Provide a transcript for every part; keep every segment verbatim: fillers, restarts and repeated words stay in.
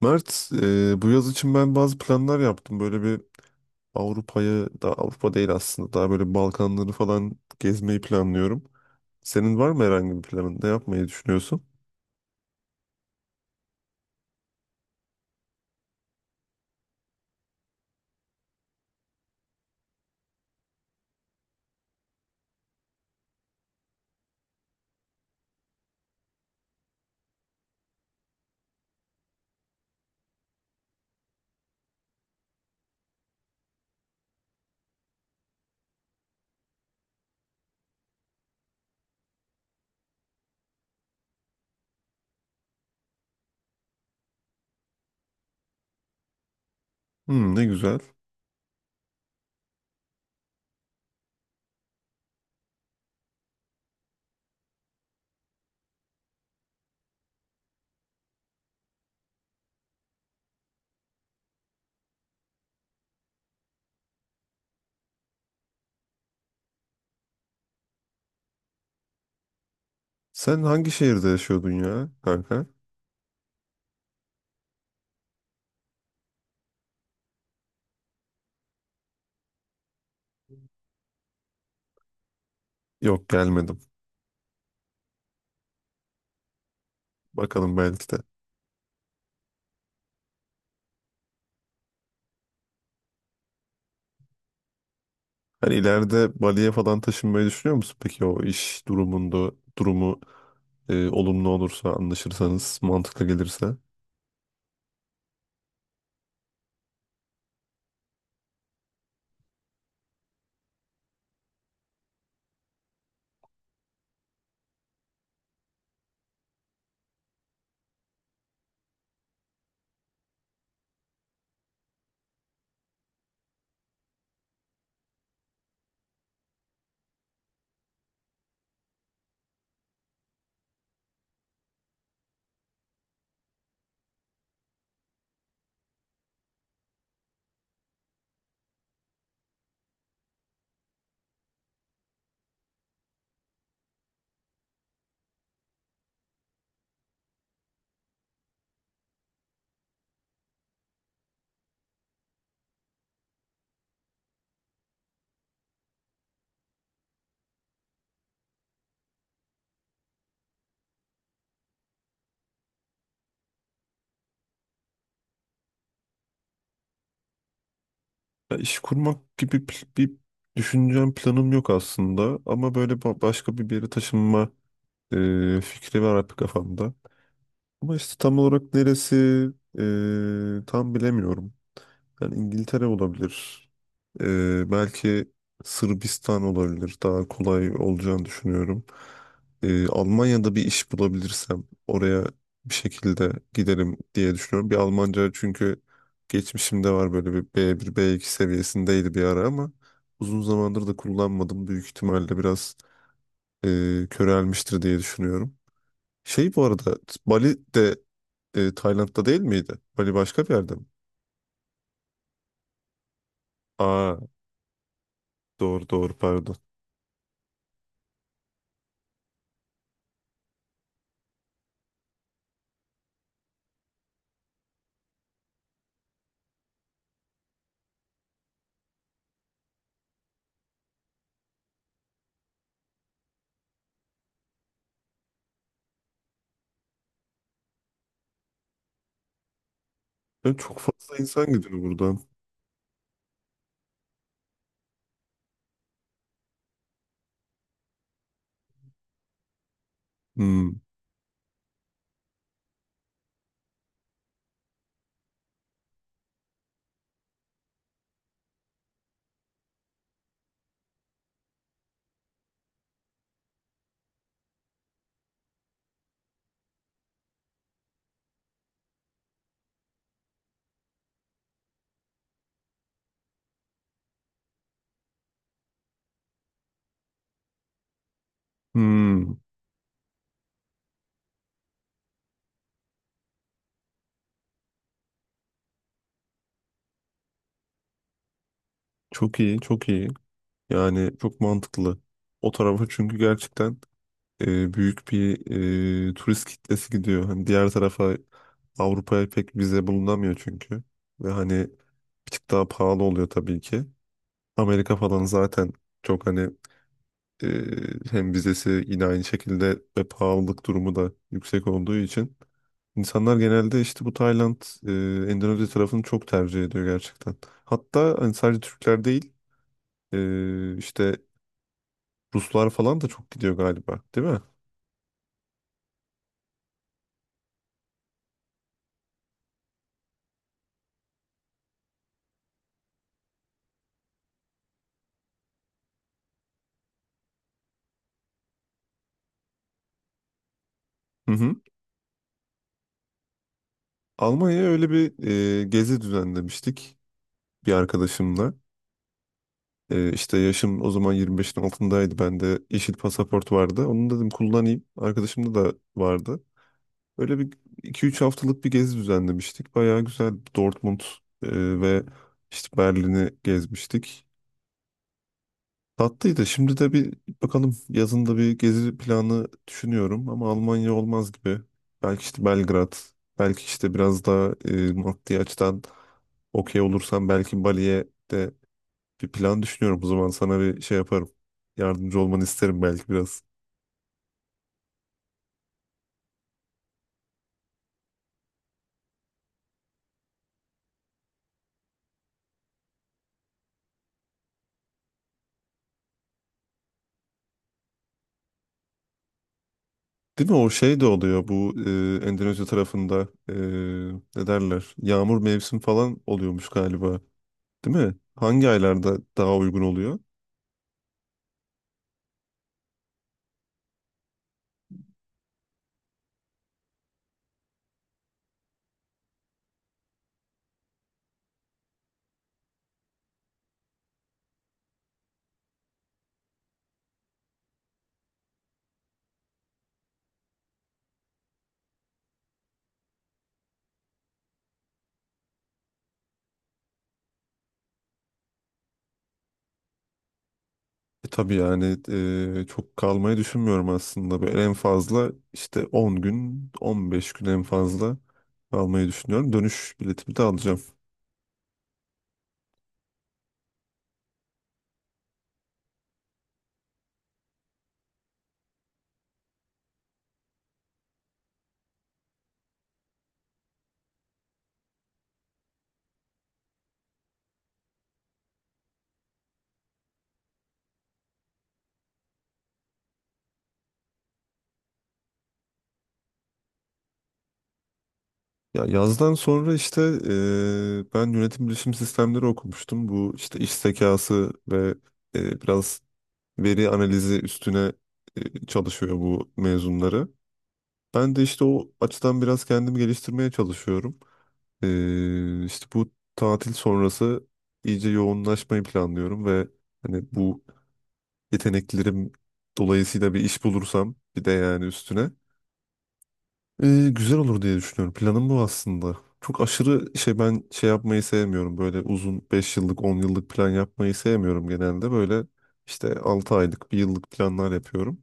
Mert, e, bu yaz için ben bazı planlar yaptım. Böyle bir Avrupa'yı, da Avrupa değil aslında, daha böyle Balkanları falan gezmeyi planlıyorum. Senin var mı herhangi bir planın? Ne yapmayı düşünüyorsun? Hmm, ne güzel. Sen hangi şehirde yaşıyordun ya kanka? Yok gelmedim. Bakalım belki de. Hani ileride Bali'ye falan taşınmayı düşünüyor musun? Peki o iş durumunda durumu e, olumlu olursa, anlaşırsanız, mantıklı gelirse. Ya iş kurmak gibi pl- bir düşüncem, planım yok aslında. Ama böyle ba- başka bir bir yere taşınma e, fikri var hep kafamda. Ama işte tam olarak neresi e, tam bilemiyorum. Yani İngiltere olabilir. Ee, belki Sırbistan olabilir. Daha kolay olacağını düşünüyorum. Ee, Almanya'da bir iş bulabilirsem oraya bir şekilde giderim diye düşünüyorum. Bir Almanca çünkü geçmişimde var böyle bir B bir, B iki seviyesindeydi bir ara ama uzun zamandır da kullanmadım. Büyük ihtimalle biraz e, körelmiştir diye düşünüyorum. Şey bu arada Bali de e, Tayland'da değil miydi? Bali başka bir yerde mi? Aa, doğru doğru, pardon. Ya çok fazla insan gidiyor buradan. Hmm. Hmm. Çok iyi, çok iyi. Yani çok mantıklı. O tarafa çünkü gerçekten e, büyük bir e, turist kitlesi gidiyor. Hani diğer tarafa Avrupa'ya pek vize bulunamıyor çünkü. Ve hani bir tık daha pahalı oluyor tabii ki. Amerika falan zaten çok hani e, hem vizesi yine aynı şekilde ve pahalılık durumu da yüksek olduğu için İnsanlar genelde işte bu Tayland, e, Endonezya tarafını çok tercih ediyor gerçekten. Hatta hani sadece Türkler değil, e, işte Ruslar falan da çok gidiyor galiba, değil mi? Hı hı. Almanya'ya öyle bir e, gezi düzenlemiştik bir arkadaşımla. E, işte yaşım o zaman yirmi beşin altındaydı. Bende yeşil pasaport vardı. Onu dedim kullanayım. Arkadaşımda da vardı. Öyle bir iki üç haftalık bir gezi düzenlemiştik. Bayağı güzel Dortmund e, ve işte Berlin'i gezmiştik. Tatlıydı. Şimdi de bir bakalım, yazında bir gezi planı düşünüyorum ama Almanya olmaz gibi. Belki işte Belgrad, belki işte biraz daha e, maddi açıdan okey olursam belki Bali'ye de bir plan düşünüyorum. O zaman sana bir şey yaparım. Yardımcı olmanı isterim belki biraz. Değil mi? O şey de oluyor bu e, Endonezya tarafında e, ne derler? Yağmur mevsim falan oluyormuş galiba. Değil mi? Hangi aylarda daha uygun oluyor? E tabii yani e, çok kalmayı düşünmüyorum aslında. Böyle en fazla işte on gün, on beş gün en fazla kalmayı düşünüyorum. Dönüş biletimi de alacağım. Ya yazdan sonra işte e, ben yönetim bilişim sistemleri okumuştum. Bu işte iş zekası ve e, biraz veri analizi üstüne e, çalışıyor bu mezunları. Ben de işte o açıdan biraz kendimi geliştirmeye çalışıyorum. Ee, işte bu tatil sonrası iyice yoğunlaşmayı planlıyorum ve hani bu yeteneklerim dolayısıyla bir iş bulursam bir de yani üstüne ee, güzel olur diye düşünüyorum. Planım bu aslında. Çok aşırı şey ben şey yapmayı sevmiyorum. Böyle uzun beş yıllık on yıllık plan yapmayı sevmiyorum genelde. Böyle işte altı aylık bir yıllık planlar yapıyorum.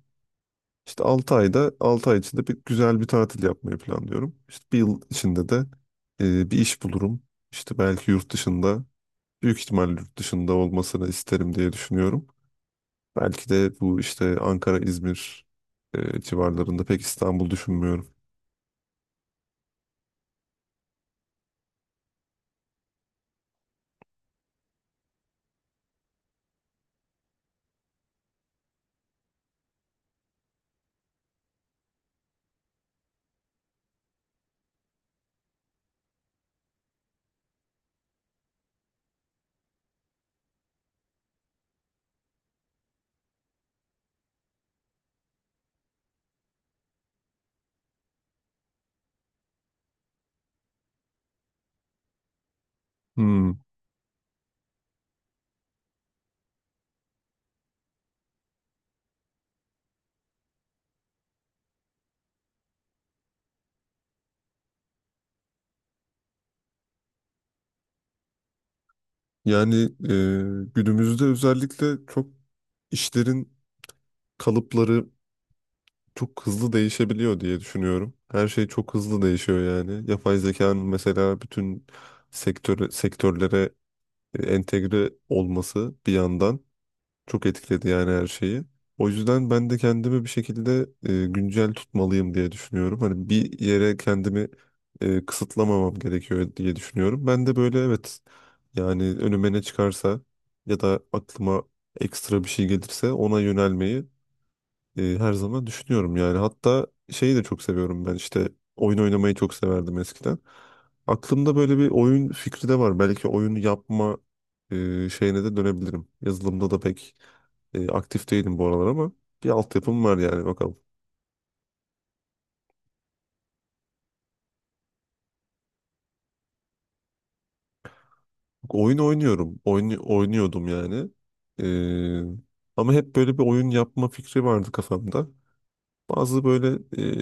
İşte altı ayda altı ay içinde bir güzel bir tatil yapmayı planlıyorum. İşte bir yıl içinde de ee, bir iş bulurum. İşte belki yurt dışında, büyük ihtimalle yurt dışında olmasını isterim diye düşünüyorum. Belki de bu işte Ankara, İzmir e, civarlarında, pek İstanbul düşünmüyorum. Hmm. Yani e, günümüzde özellikle çok işlerin kalıpları çok hızlı değişebiliyor diye düşünüyorum. Her şey çok hızlı değişiyor yani. Yapay zekanın mesela bütün sektör, sektörlere e, entegre olması bir yandan çok etkiledi yani her şeyi. O yüzden ben de kendimi bir şekilde e, güncel tutmalıyım diye düşünüyorum. Hani bir yere kendimi e, kısıtlamamam gerekiyor diye düşünüyorum. Ben de böyle, evet, yani önüme ne çıkarsa ya da aklıma ekstra bir şey gelirse ona yönelmeyi e, her zaman düşünüyorum yani. Hatta şeyi de çok seviyorum ben, işte oyun oynamayı çok severdim eskiden. Aklımda böyle bir oyun fikri de var. Belki oyun yapma e, şeyine de dönebilirim. Yazılımda da pek e, aktif değilim bu aralar ama bir altyapım var yani, bakalım. Oyun oynuyorum. Oyun, oynuyordum yani. E, ama hep böyle bir oyun yapma fikri vardı kafamda. Bazı böyle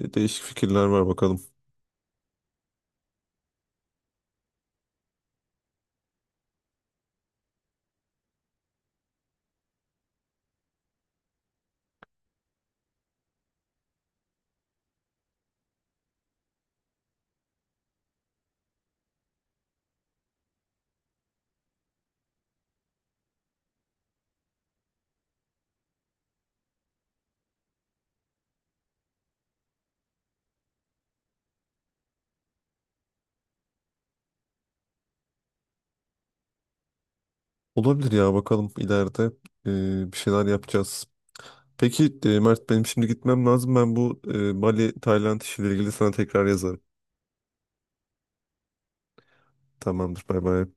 e, değişik fikirler var, bakalım. Olabilir ya, bakalım ileride e, bir şeyler yapacağız. Peki e, Mert, benim şimdi gitmem lazım. Ben bu e, Bali, Tayland işiyle ilgili sana tekrar yazarım. Tamamdır. Bay bay.